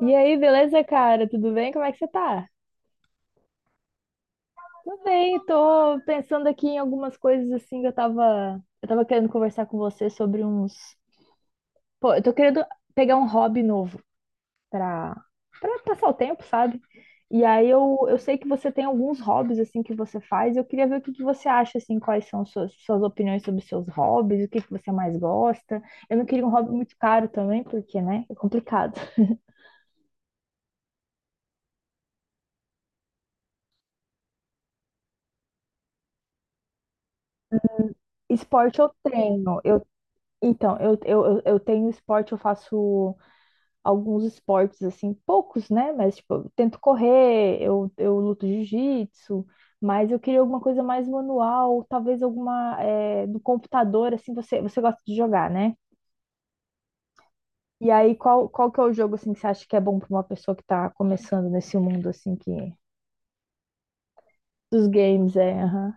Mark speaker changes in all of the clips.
Speaker 1: E aí, beleza, cara? Tudo bem? Como é que você tá? Tudo bem, tô pensando aqui em algumas coisas assim que eu tava querendo conversar com você sobre uns. Pô, eu tô querendo pegar um hobby novo pra, pra passar o tempo, sabe? E aí eu sei que você tem alguns hobbies assim que você faz, e eu queria ver o que que você acha, assim, quais são suas opiniões sobre os seus hobbies, o que que você mais gosta. Eu não queria um hobby muito caro também, porque, né, é complicado. Esporte eu treino, eu. Então, eu tenho esporte, eu faço alguns esportes, assim, poucos, né? Mas, tipo, eu tento correr, eu luto jiu-jitsu, mas eu queria alguma coisa mais manual, talvez alguma é, do computador, assim, você gosta de jogar, né? E aí, qual que é o jogo, assim, que você acha que é bom para uma pessoa que tá começando nesse mundo, assim, que... Dos games, é, aham.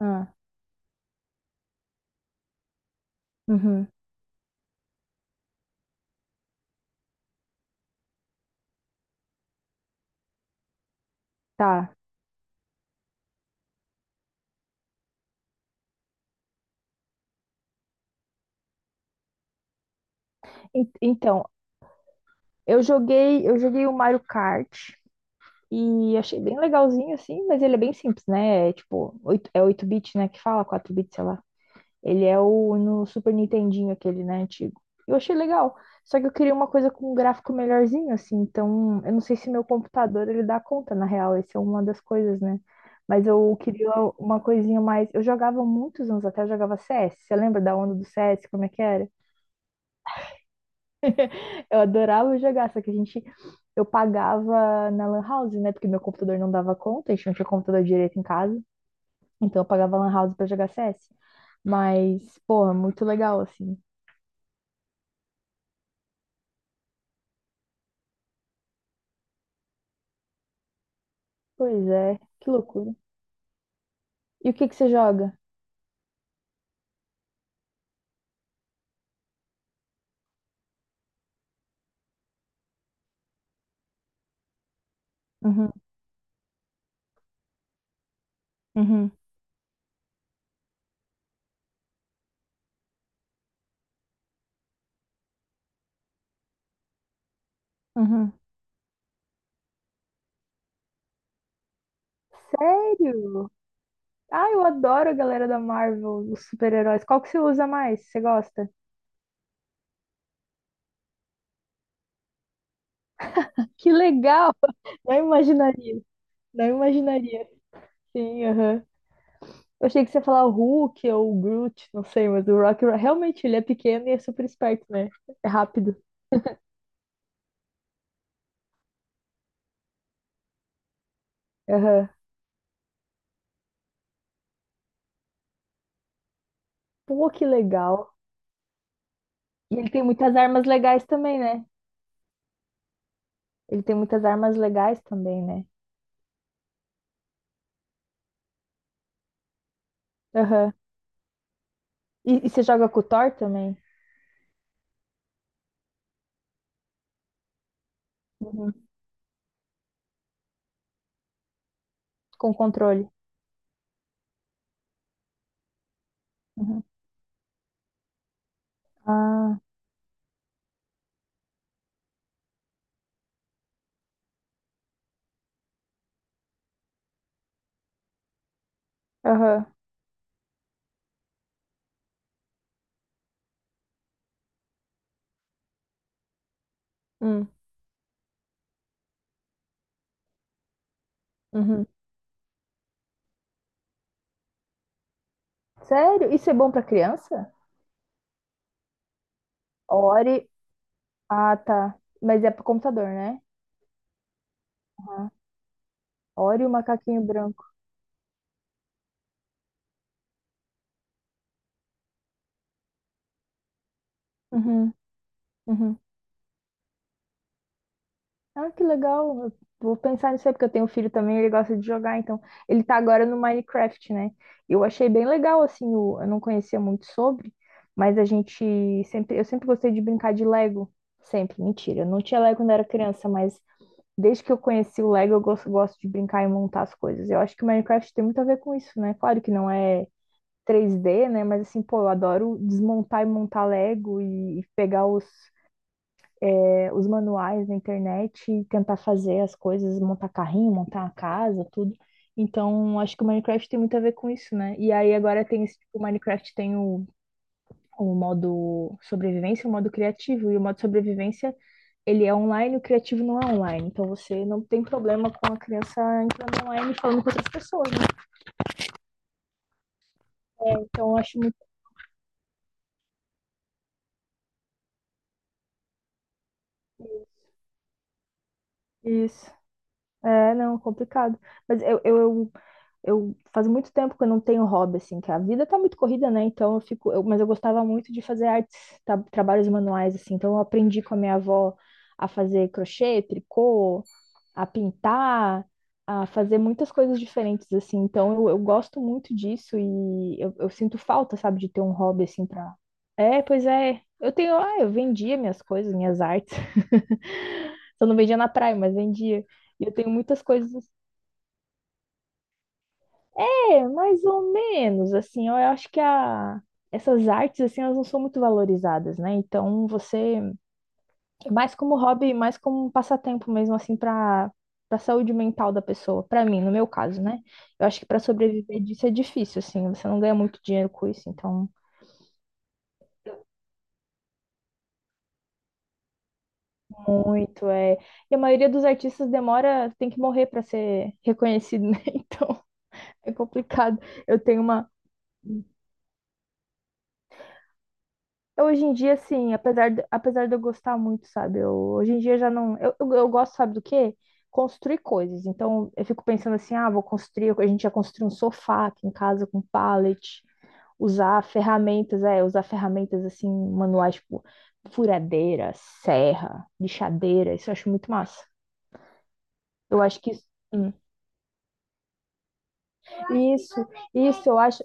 Speaker 1: Ah, uhum, tá. Então, eu joguei o Mario Kart, e achei bem legalzinho, assim, mas ele é bem simples, né? É tipo, é oito bits, né? Que fala, quatro bits, sei lá. Ele é o no Super Nintendinho, aquele, né? Antigo. Eu achei legal. Só que eu queria uma coisa com um gráfico melhorzinho, assim. Então, eu não sei se meu computador ele dá conta, na real. Essa é uma das coisas, né? Mas eu queria uma coisinha mais. Eu jogava muitos anos até, eu jogava CS. Você lembra da onda do CS? Como é que era? Eu adorava jogar, só que a gente. Eu pagava na Lan House, né? Porque meu computador não dava conta, a gente não tinha computador direito em casa. Então eu pagava Lan House pra jogar CS. Mas, porra, muito legal, assim. Pois é, que loucura. E o que que você joga? Uhum, uhum, uhum. Sério? Ah, eu adoro a galera da Marvel, os super-heróis. Qual que você usa mais? Você gosta? Que legal! Não imaginaria, não imaginaria. Sim, aham. Eu achei que você ia falar o Hulk ou o Groot, não sei, mas o Rocket realmente ele é pequeno e é super esperto, né? É rápido. Aham. Pô, que legal. E ele tem muitas armas legais também, né? Ele tem muitas armas legais também, né? Aham. E você joga com o Thor também? Uhum. Com controle. Uhum. Ah, aham. Hum, uhum. Sério? Isso é bom pra criança? Ori. Ah, tá. Mas é pro computador, né? Aham. Ori e o macaquinho branco. Uhum. Uhum. Ah, que legal. Eu vou pensar nisso aí, porque eu tenho um filho também, ele gosta de jogar, então ele tá agora no Minecraft, né? Eu achei bem legal, assim, eu não conhecia muito sobre, mas a gente sempre, eu sempre gostei de brincar de Lego, sempre, mentira, eu não tinha Lego quando era criança, mas desde que eu conheci o Lego, gosto de brincar e montar as coisas. Eu acho que o Minecraft tem muito a ver com isso, né? Claro que não é 3D, né? Mas assim, pô, eu adoro desmontar e montar Lego e pegar os é, os manuais na internet e tentar fazer as coisas, montar carrinho, montar uma casa, tudo. Então, acho que o Minecraft tem muito a ver com isso, né? E aí agora tem esse, tipo, o Minecraft tem o modo sobrevivência, o modo criativo, e o modo sobrevivência ele é online, o criativo não é online. Então você não tem problema com a criança entrando online e falando com outras pessoas, né? Então eu acho muito isso. É, não, complicado. Mas eu, eu, eu faz muito tempo que eu não tenho hobby, assim, que a vida tá muito corrida, né? Então eu fico, mas eu gostava muito de fazer artes, tá, trabalhos manuais, assim. Então eu aprendi com a minha avó a fazer crochê, tricô, a pintar, a fazer muitas coisas diferentes, assim. Então eu gosto muito disso e eu sinto falta, sabe, de ter um hobby, assim, pra... É, pois é. Eu tenho, ah, eu vendia minhas coisas, minhas artes. Eu não vendia na praia, mas vendia. E eu tenho muitas coisas. É, mais ou menos, assim, eu acho que a, essas artes, assim, elas não são muito valorizadas, né? Então, você, mais como hobby, mais como um passatempo mesmo, assim, para saúde mental da pessoa, para mim, no meu caso, né? Eu acho que para sobreviver disso é difícil, assim, você não ganha muito dinheiro com isso, então, muito é. E a maioria dos artistas demora, tem que morrer para ser reconhecido, né? Então, é complicado. Eu tenho uma. Hoje em dia, assim, apesar de eu gostar muito, sabe? Eu, hoje em dia já não. Eu gosto, sabe do quê? Construir coisas. Então, eu fico pensando assim: ah, vou construir. A gente já construiu um sofá aqui em casa com pallet, usar ferramentas, é, usar ferramentas assim, manuais, tipo furadeira, serra, lixadeira. Isso eu acho muito massa. Eu acho que isso. Hum, Isso, isso eu acho.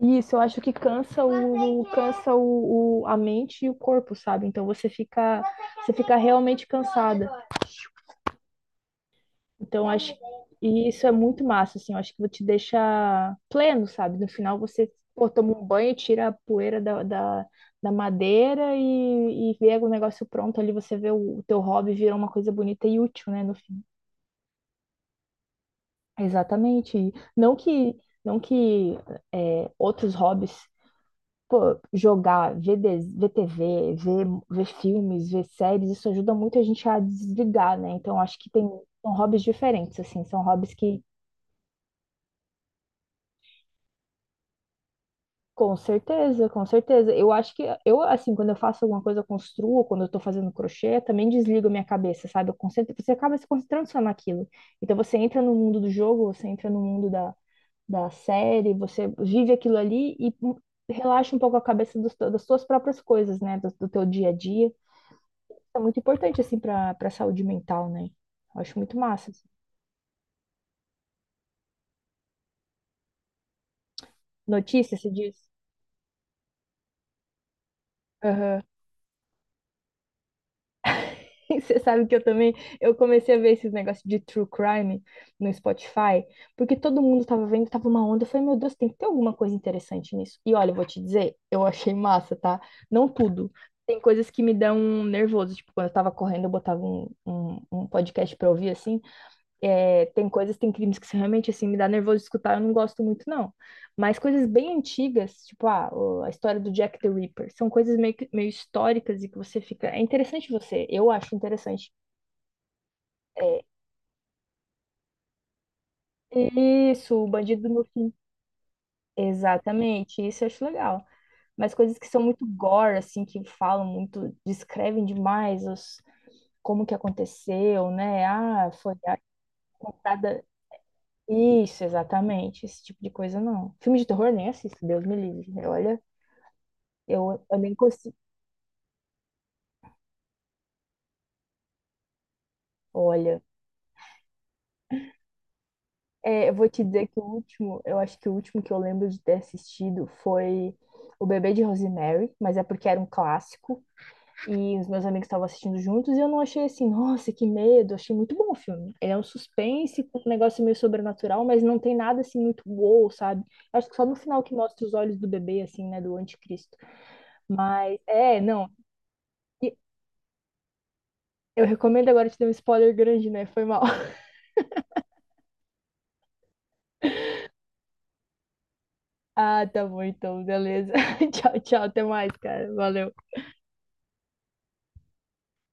Speaker 1: Isso, eu acho que cansa a mente e o corpo, sabe? Então você fica realmente cansada. Então acho e isso é muito massa, assim, eu acho que te deixa pleno, sabe? No final você pô, toma um banho, tira a poeira da, da madeira e vê o negócio pronto ali, você vê o teu hobby virar uma coisa bonita e útil, né, no fim. Exatamente. E não que não que é, outros hobbies pô, ver TV, ver filmes, ver séries, isso ajuda muito a gente a desligar, né? Então, acho que tem, são hobbies diferentes, assim, são hobbies que, com certeza, com certeza. Eu acho que, eu, assim, quando eu faço alguma coisa, eu construo, quando eu tô fazendo crochê, eu também desligo a minha cabeça, sabe? Eu concentro, você acaba se concentrando só naquilo. Então, você entra no mundo do jogo, você entra no mundo da, da série, você vive aquilo ali e relaxa um pouco a cabeça dos, das suas próprias coisas, né? Do teu dia a dia. É muito importante, assim, pra saúde mental, né? Eu acho muito massa. Assim. Notícia, se diz? Aham. Você sabe que eu também, eu comecei a ver esses negócios de true crime no Spotify, porque todo mundo tava vendo, tava uma onda, eu falei, meu Deus, tem que ter alguma coisa interessante nisso. E olha, eu vou te dizer, eu achei massa, tá? Não tudo. Tem coisas que me dão nervoso, tipo, quando eu tava correndo, eu botava um podcast pra ouvir, assim. É, tem coisas, tem crimes que são realmente assim me dá nervoso de escutar, eu não gosto muito, não. Mas coisas bem antigas, tipo ah, a história do Jack the Ripper, são coisas meio, meio históricas e que você fica. É interessante você, eu acho interessante. É, isso, o bandido do meu fim. Exatamente, isso eu acho legal. Mas coisas que são muito gore, assim, que falam muito, descrevem demais os, como que aconteceu, né? Ah, foi a comprada. Isso, exatamente. Esse tipo de coisa não. Filme de terror nem assisto, Deus me livre. Olha, eu nem consigo. Olha, é, eu vou te dizer que o último, eu acho que o último que eu lembro de ter assistido foi O Bebê de Rosemary, mas é porque era um clássico e os meus amigos estavam assistindo juntos e eu não achei assim, nossa, que medo. Eu achei muito bom o filme. Ele é um suspense com um negócio meio sobrenatural, mas não tem nada assim muito wow, sabe? Acho que só no final que mostra os olhos do bebê, assim, né, do anticristo. Mas, é, não. Eu recomendo agora te dar um spoiler grande, né? Foi mal. Ah, tá bom então, beleza. Tchau, tchau, até mais, cara. Valeu.